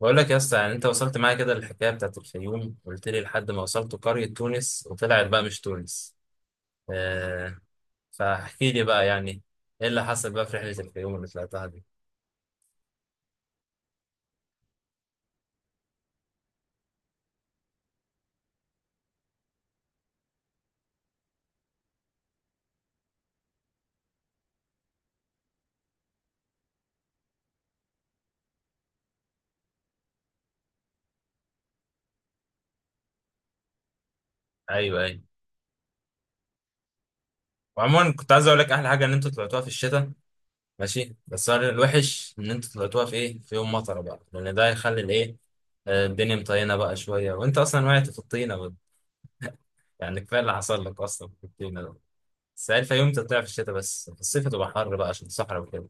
بقول لك يا اسطى، يعني انت وصلت معايا كده للحكايه بتاعت الفيوم، قلت لي لحد ما وصلت قريه تونس وطلعت بقى مش تونس. آه، فاحكي لي بقى يعني ايه اللي حصل بقى في رحله الفيوم اللي طلعتها دي. ايوه، ايوه. وعموما كنت عايز اقول لك احلى حاجه ان انتوا طلعتوها في الشتاء. ماشي، بس هو الوحش ان انتوا طلعتوها في ايه، في يوم مطره بقى، لان ده هيخلي الايه. الدنيا مطينه بقى شويه وانت اصلا وقعت في الطينه بقى. يعني كفايه اللي حصل لك اصلا في الطينه ده. بس هي الفيوم تطلع في الشتاء، بس في الصيف تبقى حر بقى عشان الصحراء وكده.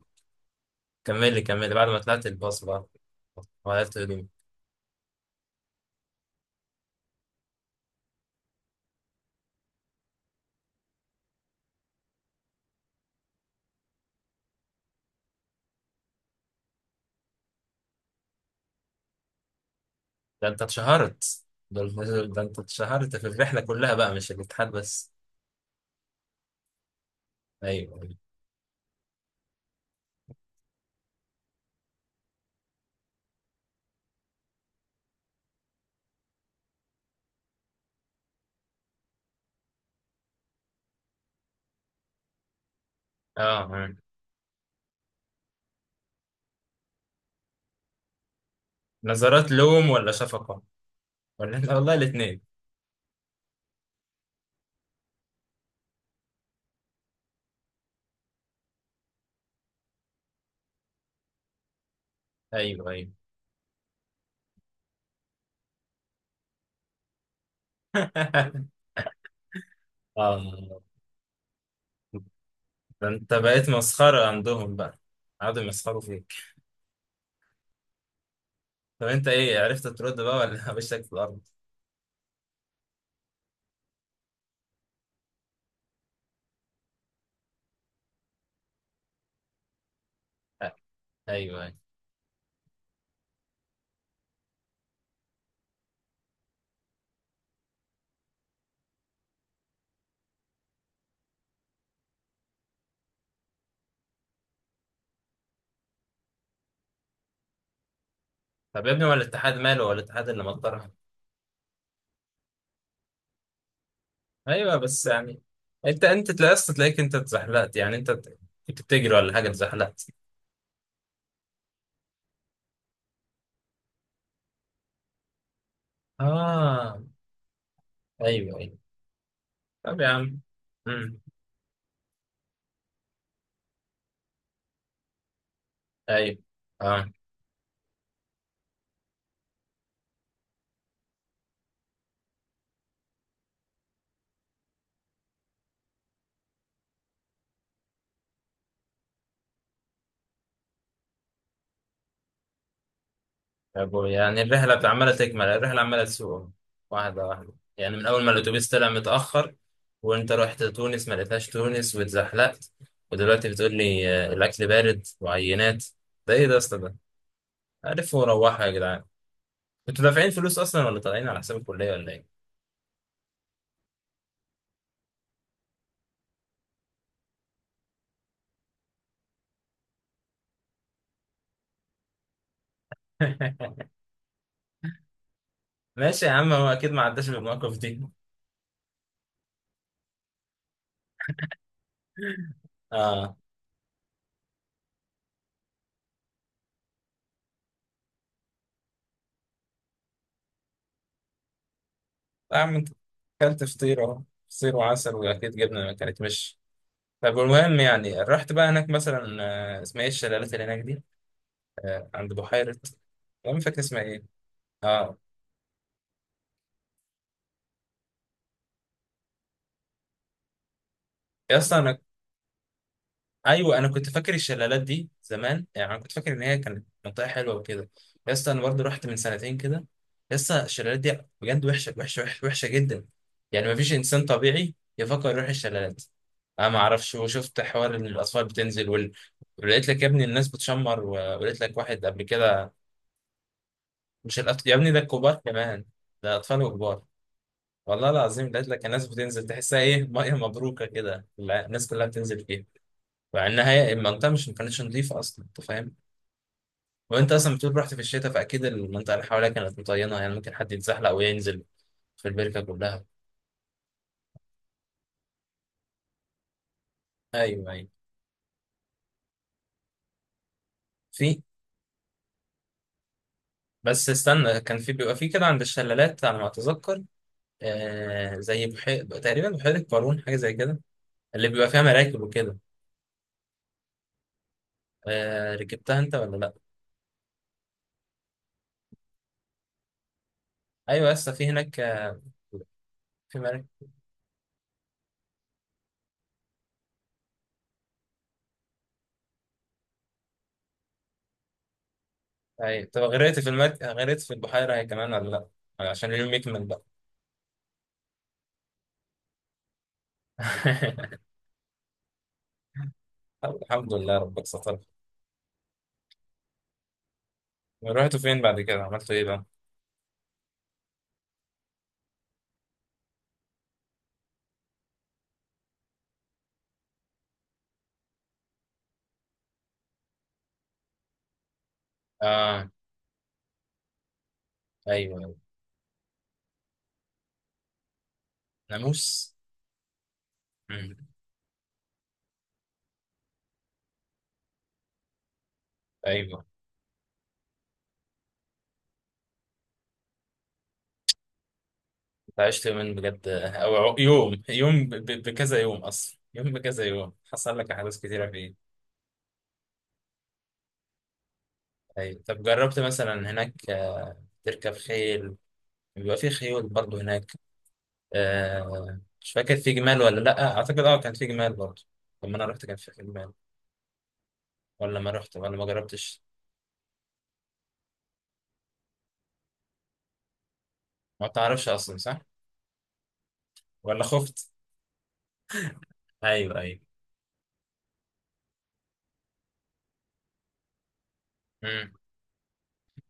كملي كملي بعد ما طلعت الباص بقى غيرت هدومي. ده انت اتشهرت. ده انت اتشهرت في الرحلة كلها بقى، مش الاتحاد بس. ايوه ايوه. اه، آه. نظرات لوم ولا شفقة؟ ولا والله الاتنين. ايوه ايوه. اه. ده انت بقيت مسخرة عندهم بقى، قعدوا يمسخروا فيك. طب انت ايه، عرفت ترد بقى ولا وشك في الارض؟ آه، ايوه ايوه. طب يا ابني، هو الاتحاد ماله؟ هو الاتحاد اللي مطرها؟ ايوه بس يعني. انت انت تلاقيت، تلاقيك انت اتزحلقت، يعني انت كنت بتجري ولا حاجه اتزحلقت؟ اه. ايوه ايوه. طب يا عم. امم. ايوه. اه. يا ابوي، يعني الرحله عماله تكمل، الرحله عماله تسوق واحده واحده، يعني من اول ما الاتوبيس طلع متاخر وانت رحت تونس ما لقيتهاش تونس واتزحلقت، ودلوقتي بتقول لي الاكل بارد وعينات. ده ايه ده يا اسطى ده؟ عرفوا وروحوا يا جدعان. انتوا دافعين فلوس اصلا ولا طالعين على حساب الكليه ولا ايه؟ ماشي يا عم، هو اكيد ما عداش بالمواقف دي. اه. يا عم انت اكلت فطير اهو، فطير وعسل، واكيد جبنه، ما كانت مش. طب المهم يعني رحت بقى هناك مثلا، اسمها ايه الشلالات اللي هناك دي، عند بحيره. انا مش فاكر اسمها ايه. اه. يا اسطى انا، ايوه، انا كنت فاكر الشلالات دي زمان، يعني انا كنت فاكر ان هي كانت منطقه حلوه وكده. يا اسطى انا برضه رحت من سنتين كده. يا اسطى الشلالات دي بجد وحشه وحشه وحشه وحشه جدا. يعني ما فيش انسان طبيعي يفكر يروح الشلالات. انا ما اعرفش، وشفت حوار ان الاطفال بتنزل ولقيت لك يا ابني الناس بتشمر ولقيت لك واحد قبل كده. مش الأط... يا ابني ده الكبار كمان، ده اطفال وكبار. والله العظيم لقيت لك الناس بتنزل، تحسها ايه، ميه مبروكه كده، لا، الناس كلها بتنزل فيها. مع انها المنطقه مش، ما كانتش نظيفه اصلا، انت فاهم. وانت اصلا بتقول رحت في الشتاء، فاكيد المنطقه اللي حواليها كانت مطينه، يعني ممكن حد يتزحلق وينزل في البركه كلها. ايوه ايوه. في. بس استنى، كان في، بيبقى في كده عند الشلالات على ما اتذكر، آه زي بحير تقريبا، بحيره قارون حاجه زي كده، اللي بيبقى فيها مراكب وكده. آه، ركبتها انت ولا لا؟ ايوه يا اسطى في هناك، آه، في مراكب. ايوه، طب غرقت في المركب، غرقت في البحيره هي كمان ولا؟ لا عشان اليوم يكمل بقى. الحمد لله ربك ستر. رحتوا فين بعد كده، عملتوا ايه بقى؟ اه. ايوه أيوة. ناموس. مم. ايوه. انت عشت يومين بجد، او يوم، يوم بكذا يوم اصلا، يوم بكذا يوم حصل لك احداث كتيره فيه. ايوه. طب جربت مثلا هناك، تركب خيل، بيبقى في خيول برضه هناك. آه مش فاكر في جمال ولا لا، اعتقد اه كان في جمال برضه. لما انا رحت كان في جمال، ولا ما رحت ولا ما جربتش. ما تعرفش اصلا، صح؟ ولا خفت. ايوه ايوه. مم.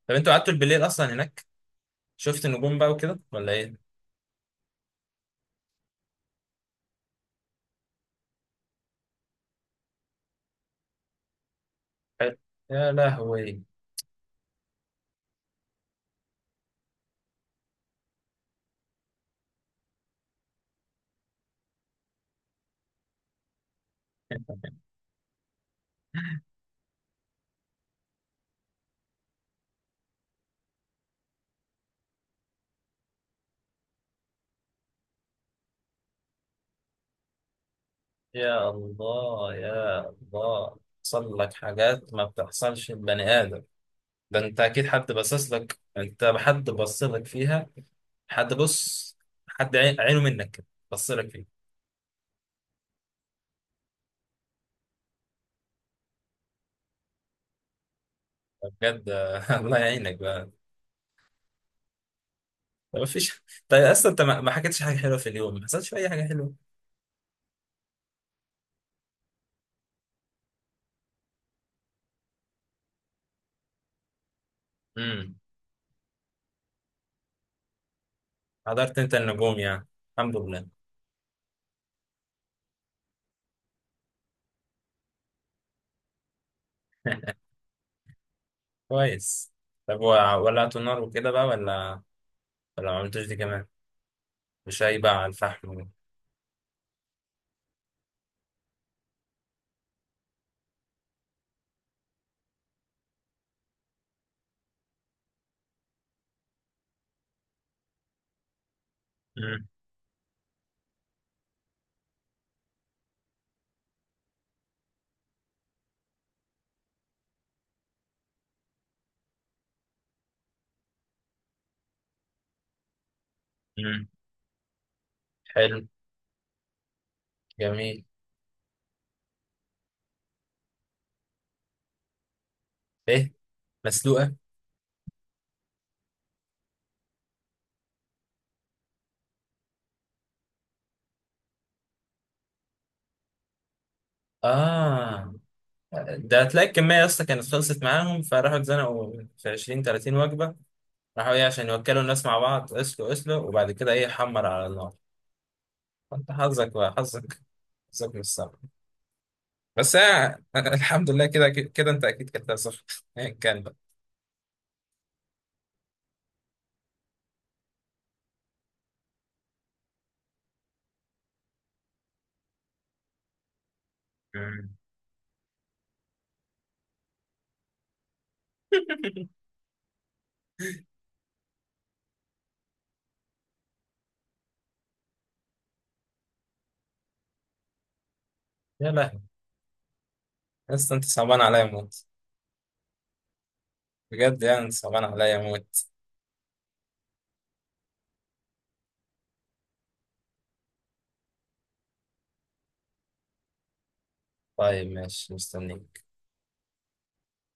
طب انتوا قعدتوا بالليل اصلا هناك؟ شفت النجوم بقى وكده ولا ايه؟ حلو. يا لهوي. يا الله يا الله، بتحصل لك حاجات ما بتحصلش لبني آدم. ده انت اكيد حد باصص لك، انت حد بص لك فيها. حد بص، عينه منك كده، بص لك فيها. بجد. الله يعينك بقى. ما فيش. طيب اصلا انت ما حكيتش حاجه حلوه في اليوم، ما حصلش في اي حاجه حلوه؟ امم. حضرت انت النجوم يعني؟ الحمد لله. كويس. طب ولعتوا النار وكده بقى ولا، ولا ما عملتوش دي كمان؟ وشايبة على الفحم. مم. مم. حلو. جميل. ايه. مسلوقة. اه. ده هتلاقي الكمية يا اسطى كانت خلصت معاهم، فراحوا اتزنقوا في 20 30 وجبة. راحوا ايه عشان يوكلوا الناس مع بعض؟ اسلق اسلق وبعد كده ايه، حمر على النار. فانت حظك بقى، حظك، حظك مش صعب. بس آه. الحمد لله، كده كده انت اكيد كلتها صح، ايا كان بقى. مم. يا لهوي. يا اسطى انت صعبان عليا موت. بجد، يعني انت صعبان عليا موت. طيب ماشي، مستنيك.